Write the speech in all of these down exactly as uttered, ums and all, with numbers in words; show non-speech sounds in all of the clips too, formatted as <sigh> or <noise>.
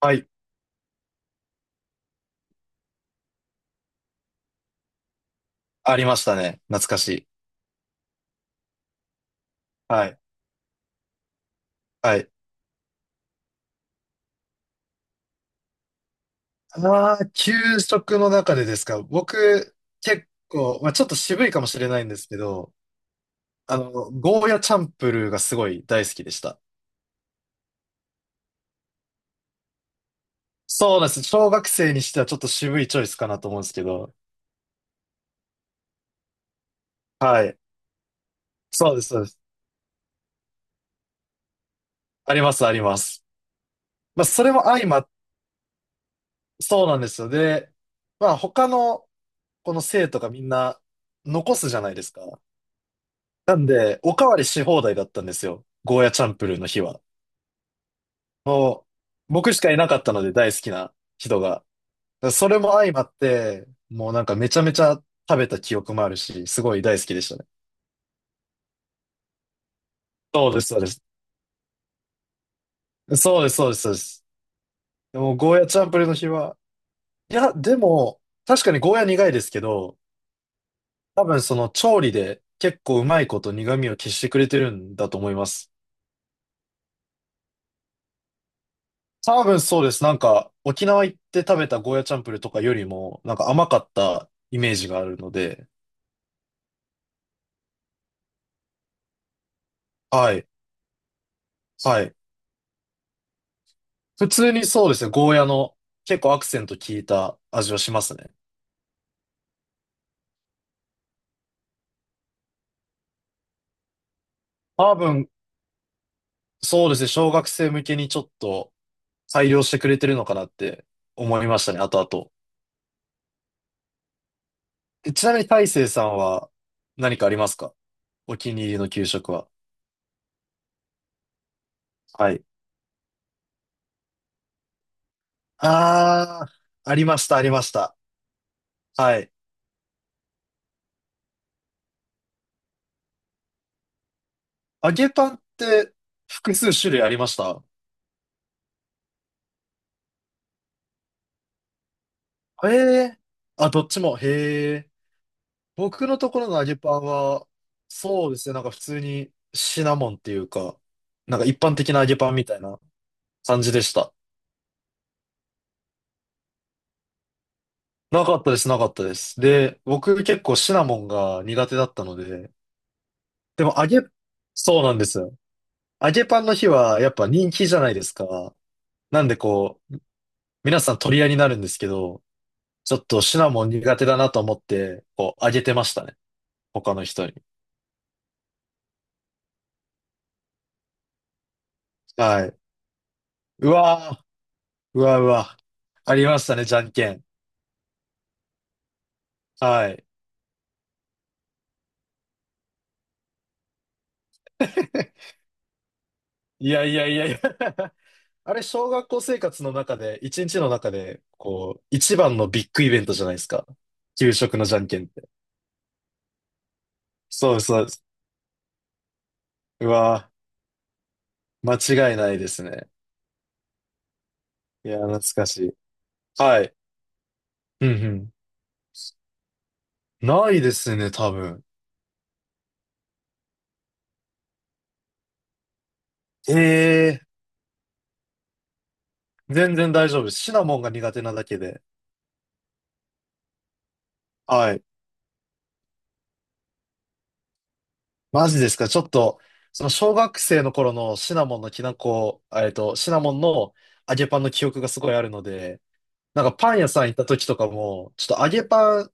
はい。ありましたね。懐かしい。はい。はい。ああ、給食の中でですか。僕、結構、まあ、ちょっと渋いかもしれないんですけど、あの、ゴーヤチャンプルーがすごい大好きでした。そうなんです。小学生にしてはちょっと渋いチョイスかなと思うんですけど。はい。そうです、そうです。あります、あります。まあ、それも相まっ、そうなんですよ。で、まあ、他の、この生徒がみんな残すじゃないですか。なんで、おかわりし放題だったんですよ。ゴーヤチャンプルーの日は。もう、僕しかいなかったので大好きな人が。だからそれも相まって、もうなんかめちゃめちゃ食べた記憶もあるし、すごい大好きでしたね。そうです、そうです。そうです、そうです、そうです。でもゴーヤチャンプルーの日は、いや、でも、確かにゴーヤ苦いですけど、多分その調理で結構うまいこと苦味を消してくれてるんだと思います。多分そうです。なんか、沖縄行って食べたゴーヤチャンプルーとかよりも、なんか甘かったイメージがあるので、はい、はい。普通にそうですね、ゴーヤの結構アクセント効いた味はしますね。多分、そうですね、小学生向けにちょっと改良してくれてるのかなって思いましたね、後々。えちなみに大成さんは何かありますか？お気に入りの給食は。はい。あー、ありました、ありました。はい。揚げパンって複数種類ありました？へえ。あ、どっちも。へえ。僕のところの揚げパンは、そうですね、なんか普通にシナモンっていうか、なんか一般的な揚げパンみたいな感じでした。なかったです、なかったです。で、僕結構シナモンが苦手だったので、でも揚げ、そうなんですよ。揚げパンの日はやっぱ人気じゃないですか。なんでこう、皆さん取り合いになるんですけど、ちょっとシナモン苦手だなと思って、こう、揚げてましたね。他の人に。はい。うわー、うわうわ。ありましたね、じゃんけん。はい。いやいやいやいや <laughs> あれ、小学校生活の中で、一日の中で、こう、一番のビッグイベントじゃないですか。給食のじゃんけんって。そうです、そうです。うわー、間違いないですね。いやー、懐かしい。はい。うんうん。ないですね、多分。ええー、全然大丈夫です。シナモンが苦手なだけで。はい。マジですか、ちょっと、その小学生の頃のシナモンのきなこ、えっと、シナモンの揚げパンの記憶がすごいあるので、なんかパン屋さん行った時とかも、ちょっと揚げパン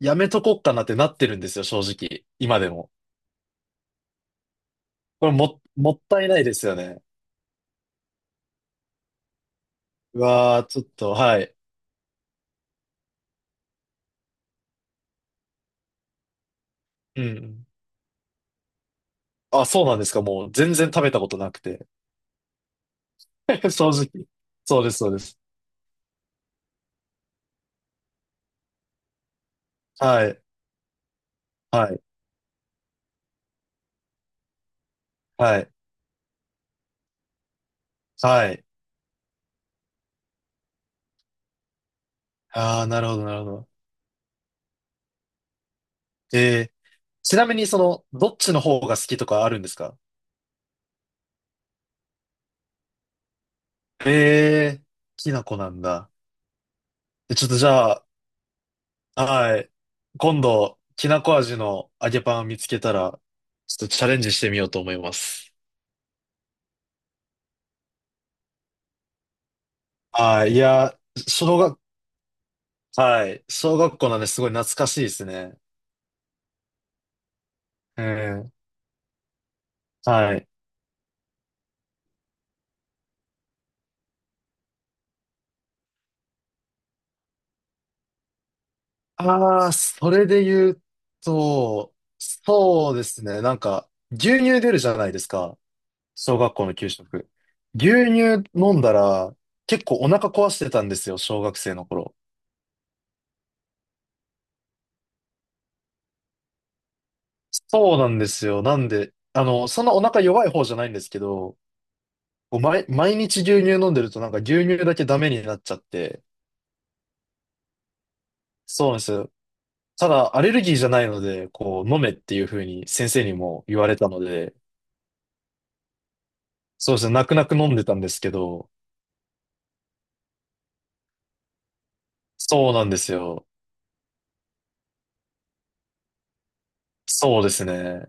やめとこっかなってなってるんですよ、正直。今でも。これも、もったいないですよね。うわー、ちょっと、はい。うん。あ、そうなんですか。もう全然食べたことなくて。<laughs> 正直。そうです、そうです。はい、はい、はい、はい。あー、なるほど、なるほど。えー、ちなみにその、どっちの方が好きとかあるんですか？えー、きな粉なんだ。えちょっとじゃあ、はい。今度、きなこ味の揚げパンを見つけたら、ちょっとチャレンジしてみようと思います。はい。いや、小学、はい。小学校なんで、すごい懐かしいですね。うん。はい。ああ、それで言うと、そうですね。なんか、牛乳出るじゃないですか。小学校の給食。牛乳飲んだら、結構お腹壊してたんですよ、小学生の頃。そうなんですよ。なんで、あの、そんなお腹弱い方じゃないんですけど、こう毎、毎日牛乳飲んでるとなんか牛乳だけダメになっちゃって、そうなんですよ。ただアレルギーじゃないので、こう飲めっていうふうに先生にも言われたので、そうですね、泣く泣く飲んでたんですけど、そうなんですよ。そうですね。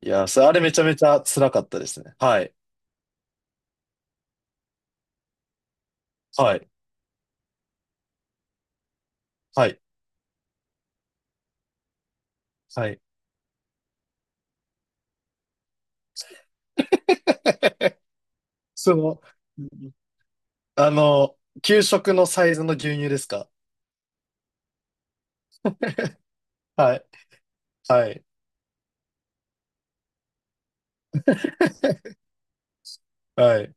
いや、それあれめちゃめちゃ辛かったですね。はい。はい。はい。はい。<laughs> その、あの、給食のサイズの牛乳ですか？はい。はい。はい。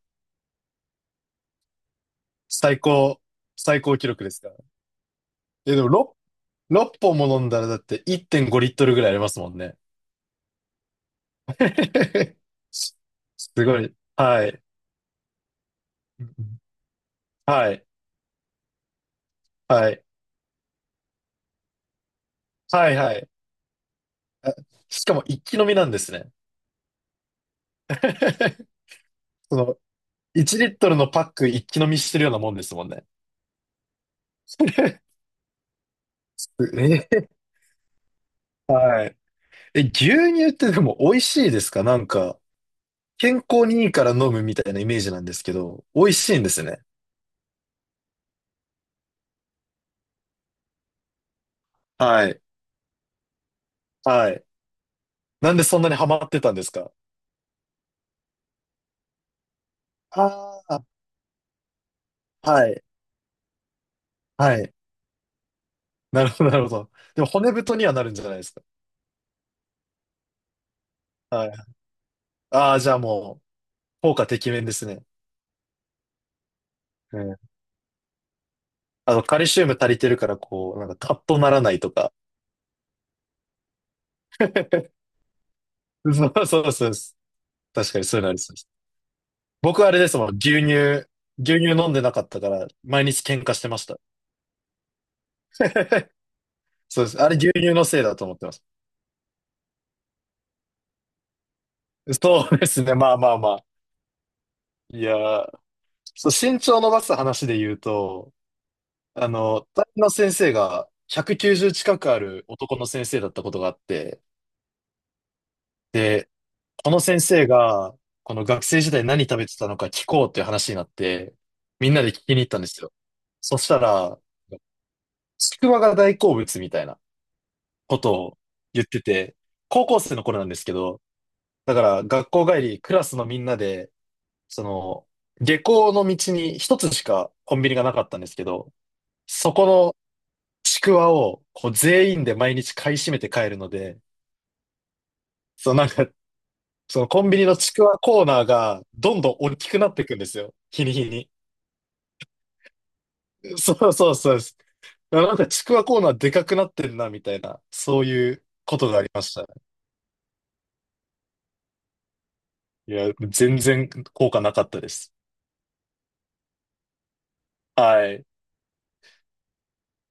最高、最高記録ですか？え、でもろく ろっぽんも飲んだらだっていってんごリットルぐらいありますもんね。<laughs> すごい。はい。うん、はい。はい。はい。はい。あ、しかも一気飲みなんですね。<laughs> その、いちリットルのパック一気飲みしてるようなもんですもんね。<laughs> えーはい。え、牛乳ってでも美味しいですか？なんか、健康にいいから飲むみたいなイメージなんですけど、美味しいんですね。はい。はい。なんでそんなにハマってたんですか？ああー、はい。はい。<laughs> なるほど、なるほど。でも骨太にはなるんじゃないですか。はい。ああ、じゃあもう、効果てきめんですね。うん。あの、カルシウム足りてるから、こう、なんかカッとならないとか。<laughs> そうそうそうです。確かにそういうのありそうです。僕はあれですもん、牛乳、牛乳飲んでなかったから、毎日喧嘩してました。<laughs> そうです。あれ牛乳のせいだと思ってます。そうですね。まあまあまあ。いやー、そう、身長伸ばす話で言うと、あの、担任の先生がひゃくきゅうじゅう近くある男の先生だったことがあって、でこの先生が、この学生時代何食べてたのか聞こうっていう話になって、みんなで聞きに行ったんですよ。そしたら、ちくわが大好物みたいなことを言ってて、高校生の頃なんですけど、だから学校帰り、クラスのみんなで、その、下校の道に一つしかコンビニがなかったんですけど、そこのちくわをこう全員で毎日買い占めて帰るので、そうなんかそのコンビニのちくわコーナーがどんどん大きくなっていくんですよ。日に日に。そうそうそうです。なんかちくわコーナーでかくなってんな、みたいな、そういうことがありました。いや、全然効果なかったです。はい。